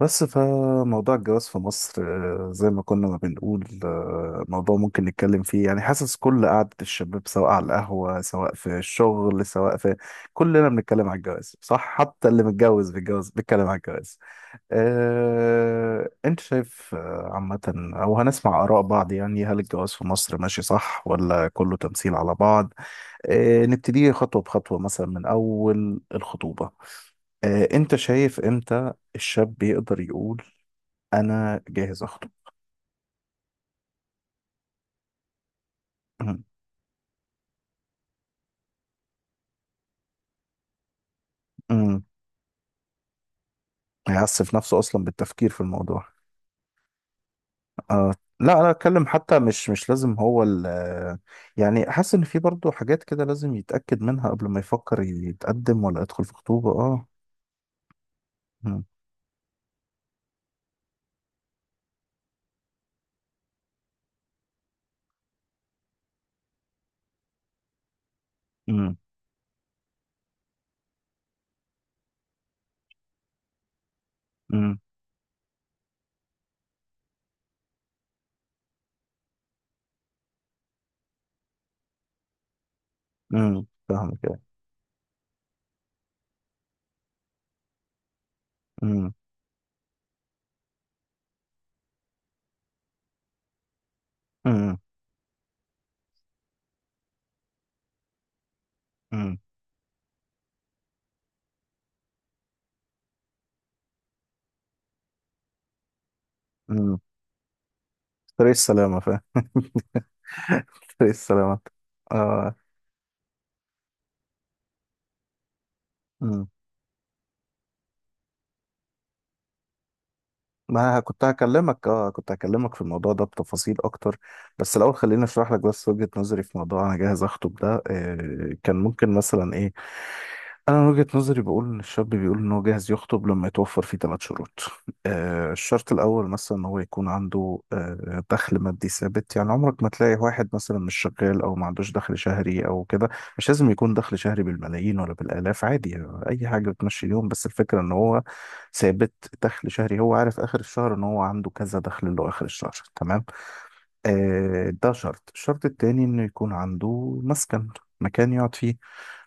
بس فموضوع الجواز في مصر زي ما كنا ما بنقول موضوع ممكن نتكلم فيه. يعني حاسس كل قعدة الشباب سواء على القهوة سواء في الشغل سواء في كلنا بنتكلم على الجواز، صح؟ حتى اللي متجوز بيتجوز بيتكلم على الجواز. انت شايف عامة، او هنسمع آراء بعض؟ يعني هل الجواز في مصر ماشي صح، ولا كله تمثيل على بعض؟ نبتدي خطوة بخطوة، مثلا من أول الخطوبة. انت شايف امتى الشاب يقدر يقول انا جاهز اخطب؟ أمم. أمم. هيعسف نفسه اصلا بالتفكير في الموضوع. آه. لا انا اتكلم، حتى مش لازم هو ال... يعني حاسس ان في برضه حاجات كده لازم يتاكد منها قبل ما يفكر يتقدم ولا يدخل في خطوبه. اه. أمم. أمم. أمم. أمم. فاهم كده. أمم. أمم. أمم. أمم. طريق السلامه، فاهم. طريق السلامه. اه. مم. ما كنت هكلمك، كنت هكلمك في الموضوع ده بتفاصيل اكتر. بس الاول خليني اشرح لك بس وجهة نظري في موضوع انا جاهز اخطب ده. كان ممكن مثلا ايه؟ انا من وجهة نظري بقول ان الشاب بيقول ان هو جاهز يخطب لما يتوفر فيه ثلاث شروط. آه، الشرط الاول مثلا ان هو يكون عنده دخل مادي ثابت. يعني عمرك ما تلاقي واحد مثلا مش شغال او ما عندوش دخل شهري او كده. مش لازم يكون دخل شهري بالملايين ولا بالالاف، عادي، يعني اي حاجة بتمشي اليوم، بس الفكرة ان هو ثابت. دخل شهري هو عارف اخر الشهر ان هو عنده كذا دخل له اخر الشهر، تمام. ده شرط. الشرط التاني انه يكون عنده مسكن، مكان يقعد فيه.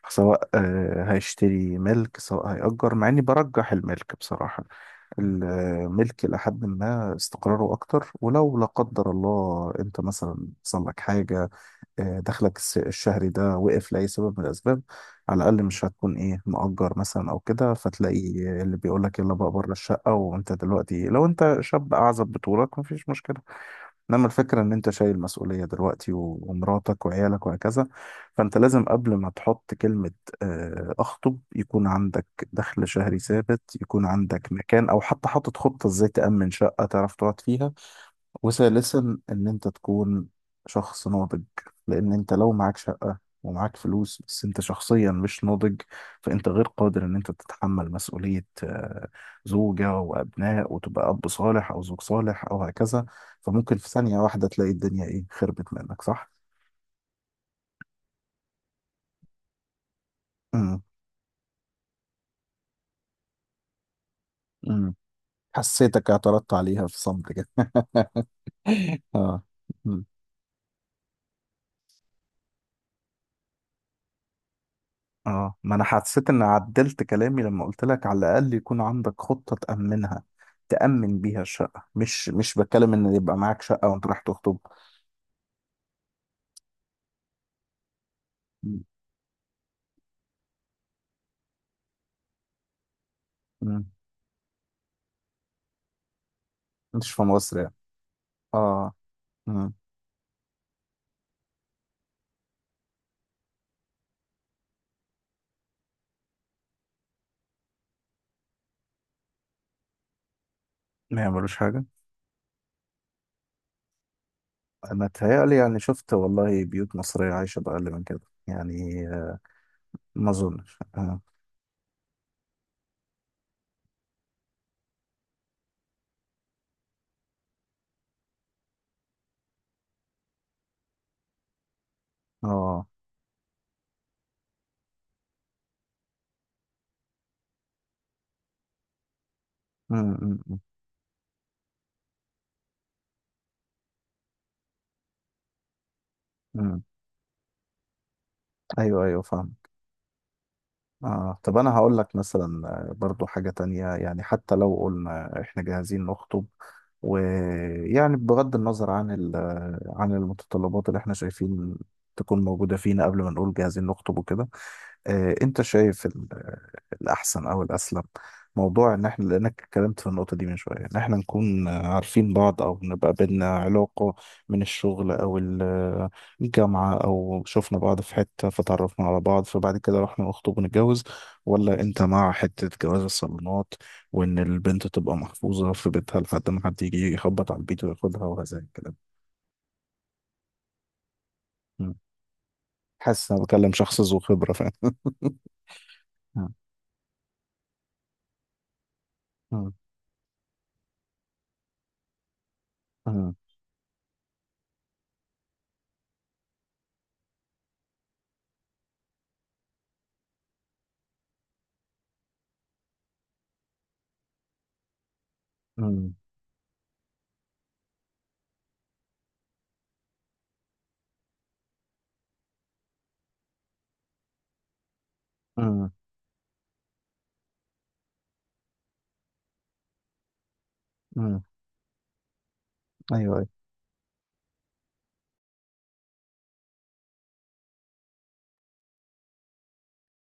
سواء هيشتري ملك سواء هيأجر، مع اني برجح الملك بصراحة. الملك لحد ما استقراره اكتر. ولو لا قدر الله انت مثلا حصل لك حاجة، دخلك الشهري ده وقف لأي سبب من الاسباب، على الاقل مش هتكون ايه مؤجر مثلا او كده، فتلاقي اللي بيقول لك يلا بقى بره الشقة. وانت دلوقتي لو انت شاب اعزب بطولك مفيش مشكلة، انما الفكره ان انت شايل مسؤوليه دلوقتي ومراتك وعيالك وهكذا. فانت لازم قبل ما تحط كلمه اخطب يكون عندك دخل شهري ثابت، يكون عندك مكان، او حتى حاطط خطه ازاي تامن شقه تعرف تقعد فيها. وثالثا ان انت تكون شخص ناضج. لان انت لو معاك شقة ومعاك فلوس بس انت شخصيا مش ناضج، فانت غير قادر ان انت تتحمل مسؤولية زوجة وابناء، وتبقى اب صالح او زوج صالح او هكذا. فممكن في ثانية واحدة تلاقي الدنيا ايه خربت منك، صح؟ امم. امم. حسيتك اعترضت عليها في صمت كده. اه. امم. اه، ما انا حسيت ان عدلت كلامي لما قلت لك على الاقل يكون عندك خطة تأمنها، تأمن بيها الشقة. مش بتكلم ان يبقى معاك شقة وانت رايح تخطب. م- م. مش في مصر يعني. اه. م. ما يعملوش حاجة. انا اتهيألي يعني، شفت والله بيوت مصرية عايشة بأقل من كده. يعني ما اظنش. اه. اه. م- م- م- م. ايوه ايوه، فاهم. آه. طب أنا هقول لك مثلا برضو حاجة تانية. يعني حتى لو قلنا إحنا جاهزين نخطب، ويعني بغض النظر عن عن المتطلبات اللي إحنا شايفين تكون موجودة فينا قبل ما نقول جاهزين نخطب وكده، انت شايف الاحسن او الاسلم، موضوع ان احنا، لانك اتكلمت في النقطه دي من شويه، ان احنا نكون عارفين بعض او نبقى بينا علاقه من الشغل او الجامعه او شفنا بعض في حته فتعرفنا على بعض، فبعد كده رحنا نخطب ونتجوز؟ ولا انت مع حته جواز الصالونات، وان البنت تبقى محفوظه في بيتها لحد ما حد يجي يخبط على البيت وياخدها وهذا الكلام؟ مم. حاسس ان انا بكلم شخص ذو خبره، فاهم. مم. مم. مم. مم. امم. ايوه ايوه.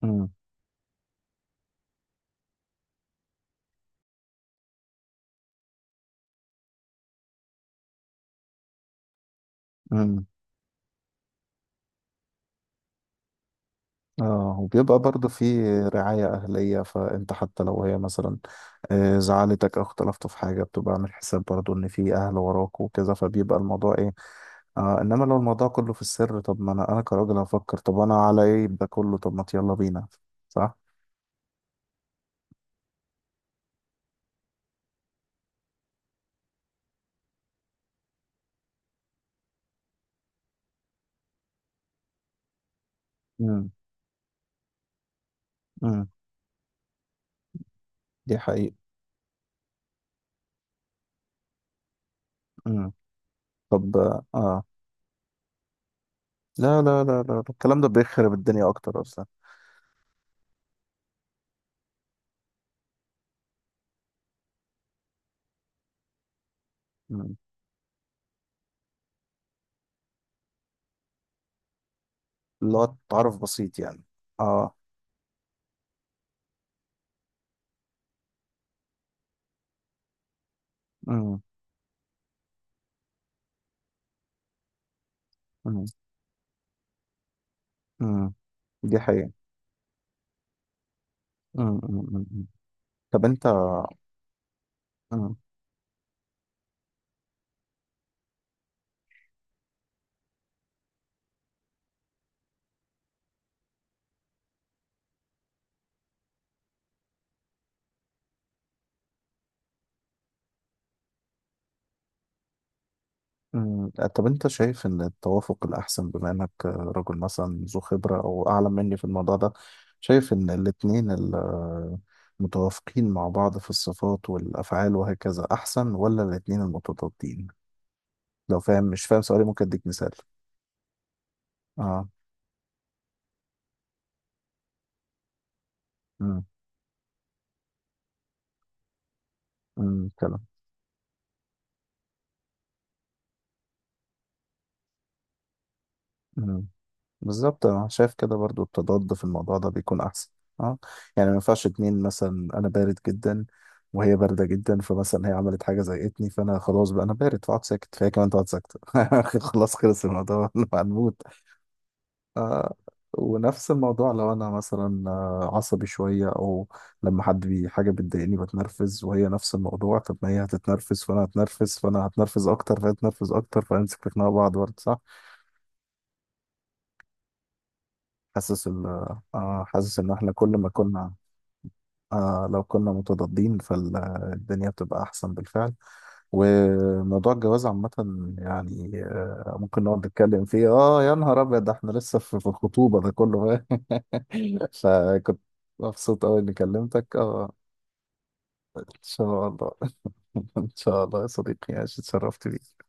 امم. امم. اه. وبيبقى برضه في رعاية أهلية، فأنت حتى لو هي مثلا زعلتك أو اختلفتوا في حاجة، بتبقى عامل حساب برضه إن في أهل وراك وكذا، فبيبقى الموضوع إيه. آه، إنما لو الموضوع كله في السر، طب ما أنا كراجل هفكر، طب أنا على إيه ده كله؟ طب ما يلا بينا، صح؟ امم. امم. دي حقيقة. امم. طب. آه. لا لا لا لا، الكلام ده بيخرب الدنيا أكتر أصلا. امم. اللي هو تعرف بسيط يعني. اه. امم. امم. دي حقيقة. امم. امم. أمم. طب انت. امم. أمم. طب، انت شايف ان التوافق الاحسن، بما انك رجل مثلا ذو خبرة او اعلم مني في الموضوع ده، شايف ان الاتنين متوافقين مع بعض في الصفات والافعال وهكذا احسن، ولا الاتنين المتضادين؟ لو فاهم مش فاهم سؤالي ممكن اديك مثال. اه. امم. امم. كلام. بالظبط، انا شايف كده برضو التضاد في الموضوع ده بيكون احسن. اه. يعني ما ينفعش اتنين مثلا انا بارد جدا وهي بارده جدا، فمثلا هي عملت حاجه زهقتني فانا خلاص، بقى انا بارد فاقعد ساكت، فهي كمان تقعد ساكته. خلاص، خلص الموضوع. انا هنموت. آه. ونفس الموضوع لو انا مثلا عصبي شويه، او لما حد بي حاجه بتضايقني بتنرفز، وهي نفس الموضوع، طب ما هي هتتنرفز فانا هتنرفز، فانا هتنرفز اكتر، فهي هتنرفز اكتر، فهنمسك في خناقه بعض برضه، صح؟ حاسس ال آه، حاسس ان احنا كل ما كنا... آه، لو كنا متضادين فالدنيا بتبقى أحسن بالفعل. وموضوع الجواز عامة، يعني آه ممكن نقعد نتكلم فيه، آه يا نهار أبيض ده، إحنا لسه في الخطوبة ده كله. فكنت مبسوط أوي إني كلمتك. آه. إن شاء الله. إن شاء الله يا صديقي عايش، اتشرفت بيك.